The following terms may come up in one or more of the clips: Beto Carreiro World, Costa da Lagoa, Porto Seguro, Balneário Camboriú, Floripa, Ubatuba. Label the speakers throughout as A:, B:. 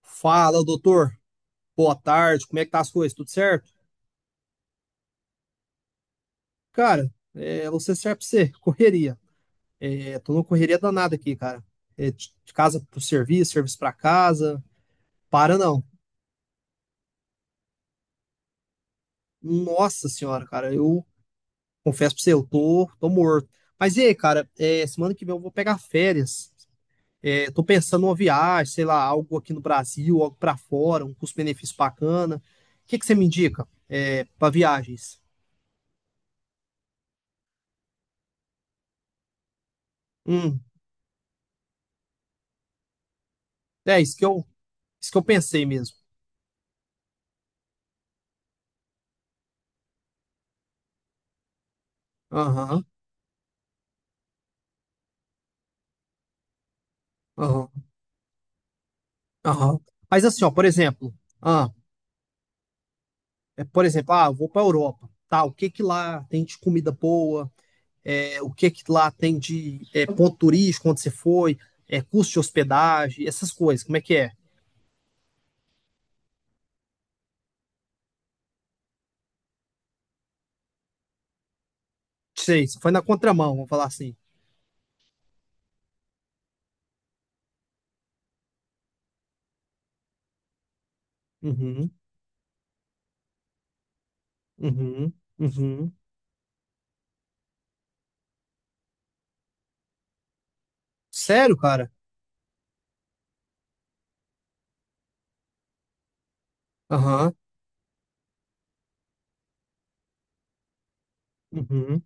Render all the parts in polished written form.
A: Fala, doutor. Boa tarde. Como é que tá as coisas? Tudo certo? Cara, você serve pra você. Correria. É, tô numa correria danada aqui, cara. É, de casa pro serviço, serviço pra casa. Para não. Nossa senhora, cara. Eu confesso pra você, eu tô morto. Mas e aí, cara? É, semana que vem eu vou pegar férias. É, tô pensando numa viagem, sei lá, algo aqui no Brasil, algo pra fora, um custo-benefício bacana. O que que você me indica, pra viagens? Hum. É isso que eu pensei mesmo. Aham, aham, aham. Mas assim, ó, ah, por exemplo, eu vou para Europa, tá? O que que lá tem de comida boa? É, o que que lá tem de ponto turístico onde você foi? É, custo de hospedagem, essas coisas, como é que é? Sei, você foi na contramão, vamos falar assim. Uhum, uhum, uhum. Sério, cara? Aham, uhum,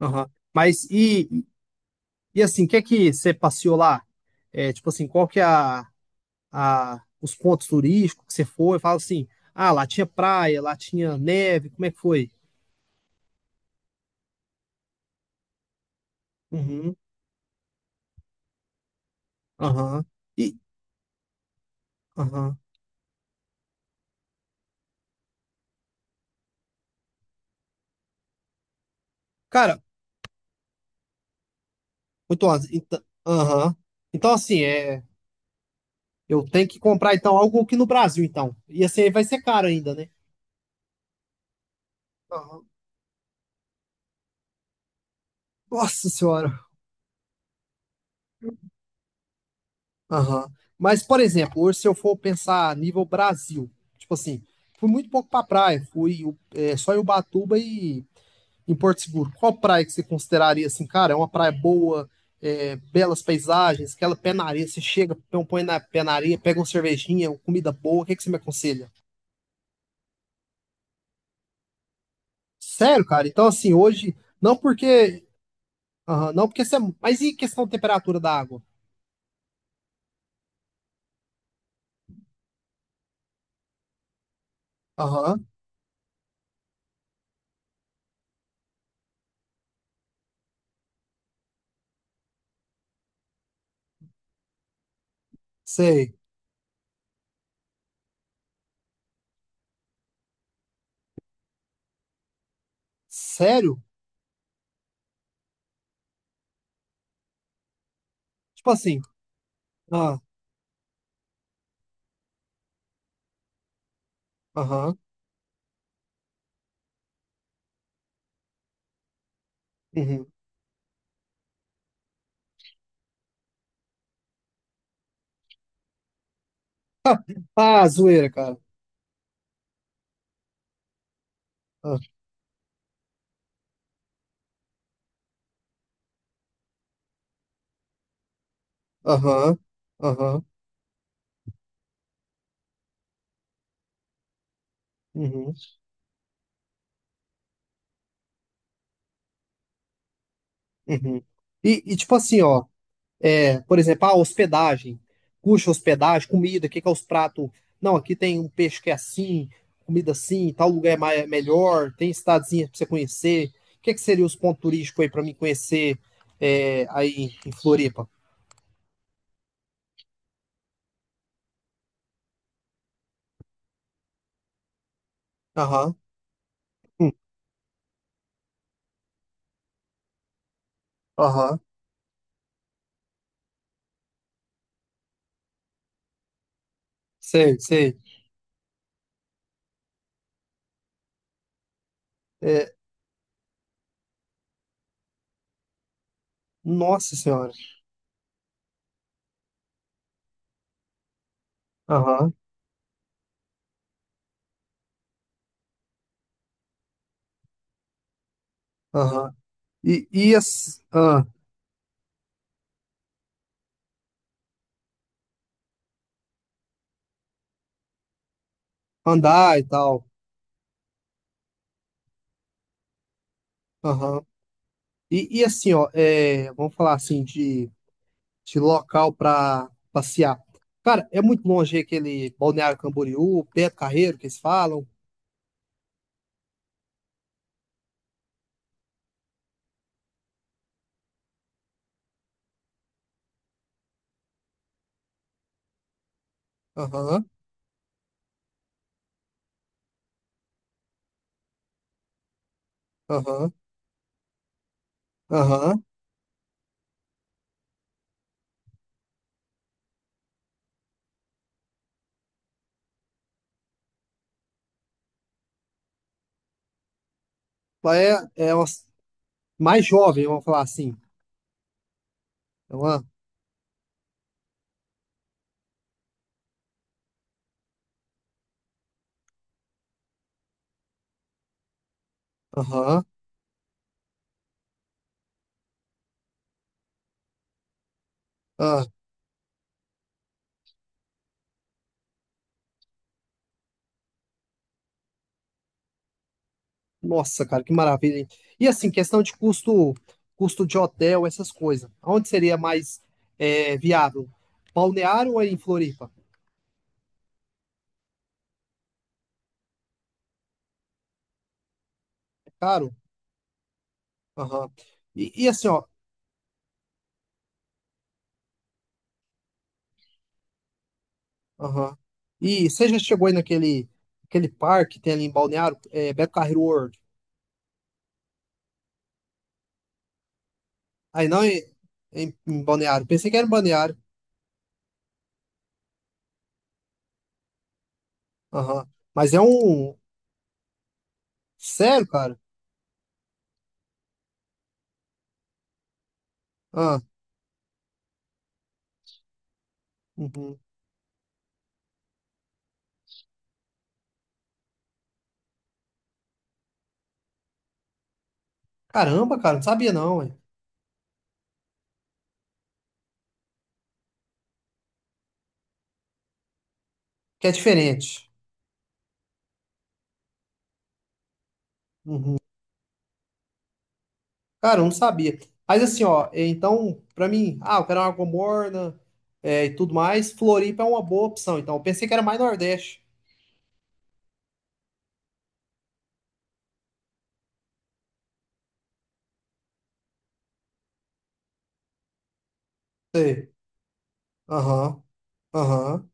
A: aham. Mas e assim, o que é que você passeou lá? É, tipo assim, qual que é os pontos turísticos que você foi? Fala assim, ah, lá tinha praia, lá tinha neve, como é que foi? Uhum, aham. E, aham. Cara, muito antes. Então, aham. Então, assim, eu tenho que comprar, então, algo aqui no Brasil, então. E assim, vai ser caro ainda, né? Aham. Nossa senhora. Aham. Mas, por exemplo, hoje se eu for pensar a nível Brasil, tipo assim, fui muito pouco pra praia, fui só em Ubatuba e em Porto Seguro, qual praia que você consideraria assim, cara, é uma praia boa, belas paisagens, aquela pé na areia, você chega, põe na pé na areia, pega uma cervejinha, uma comida boa, o que, é que você me aconselha? Sério, cara, então assim, hoje, não porque, aham, não porque você, mas e questão de temperatura da água? Aham, sei. Sério? Tipo assim, ah, aham, uhum. Ah, zoeira, cara. Ah, aham, aham, uhum, uhum. E tipo assim, ó. É, por exemplo, a hospedagem. Custa hospedagem, comida, o que que é os pratos? Não, aqui tem um peixe que é assim, comida assim, tal lugar é melhor, tem cidadezinha para você conhecer. O que que seria os pontos turísticos aí para mim conhecer aí em Floripa? Aham, hum, aham, sei, sei. É, nossa senhora. Aham, aham. E andar e tal. Aham. E assim, ó, vamos falar assim de local para passear. Cara, é muito longe aquele Balneário Camboriú, Beto Carreiro, que eles falam. Aham, aham, aham. Lá é uma, mais jovem, vamos falar assim. É uma- Aham, ah. Nossa, cara, que maravilha, hein? E assim, questão de custo, custo de hotel, essas coisas. Onde seria mais viável? Balneário ou é em Floripa? É caro? Aham. E assim, ó. Aham. E você já chegou aí naquele aquele parque que tem ali em Balneário? É, Beto Carreiro World. Aí não em Balneário. Pensei que era em Balneário. Aham. Mas é um. Sério, cara? Ah, uhum. Caramba, cara, não sabia não, ué. Que é diferente. Uhum. Cara, eu não sabia. Mas assim, ó, então, pra mim, ah, eu quero uma água morna e tudo mais. Floripa é uma boa opção. Então, eu pensei que era mais Nordeste. Sei. Aham, aham.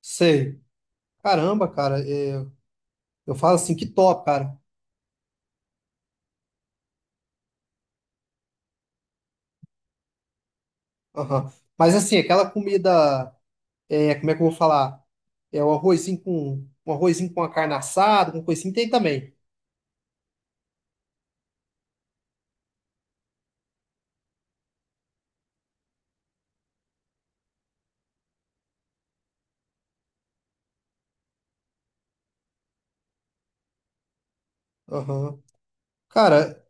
A: Sei. Caramba, cara. Eu falo assim, que top, cara. Aham. Mas assim, aquela comida, como é que eu vou falar? É o um arrozinho com a carne assada, com coisinha, tem também. Aham. Cara,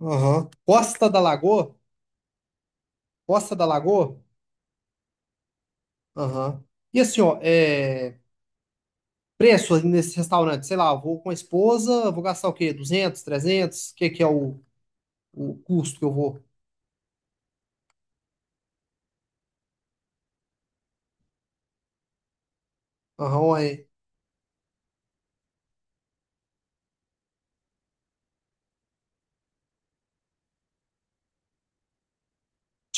A: aham. Costa da Lagoa? Costa da Lagoa? Aham. E assim, ó, preço ali nesse restaurante, sei lá, eu vou com a esposa, vou gastar o quê? 200, 300? O que que é o custo que eu vou? Aham, é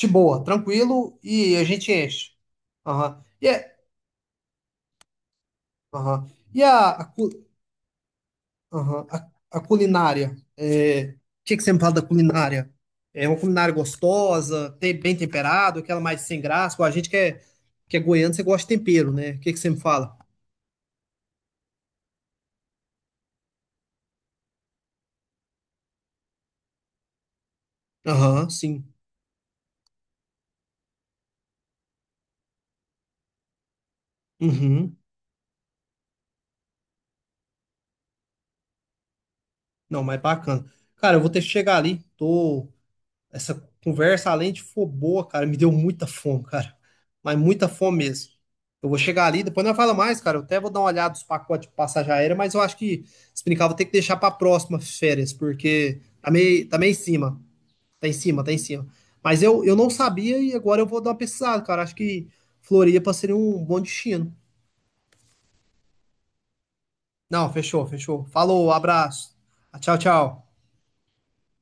A: de boa, tranquilo, e a gente enche. Aham. Aham. E a, a cu- Aham. A culinária. O que que você me fala da culinária? É uma culinária gostosa, bem temperado, aquela mais sem graça. Pô, a gente que é goiano, você gosta de tempero, né? O que que você me fala? Aham, sim. Uhum. Não, mas bacana. Cara, eu vou ter que chegar ali. Essa conversa, além de for boa, cara, me deu muita fome, cara. Mas muita fome mesmo. Eu vou chegar ali, depois não fala mais, cara. Eu até vou dar uma olhada nos pacotes de passagem aérea, mas eu acho que se brincar, vou ter que deixar pra próxima férias, porque tá meio em cima. Tá em cima, tá em cima. Mas eu não sabia e agora eu vou dar uma pesquisada, cara. Acho que Floripa seria um bom destino. Não, fechou, fechou. Falou, abraço. Tchau, tchau.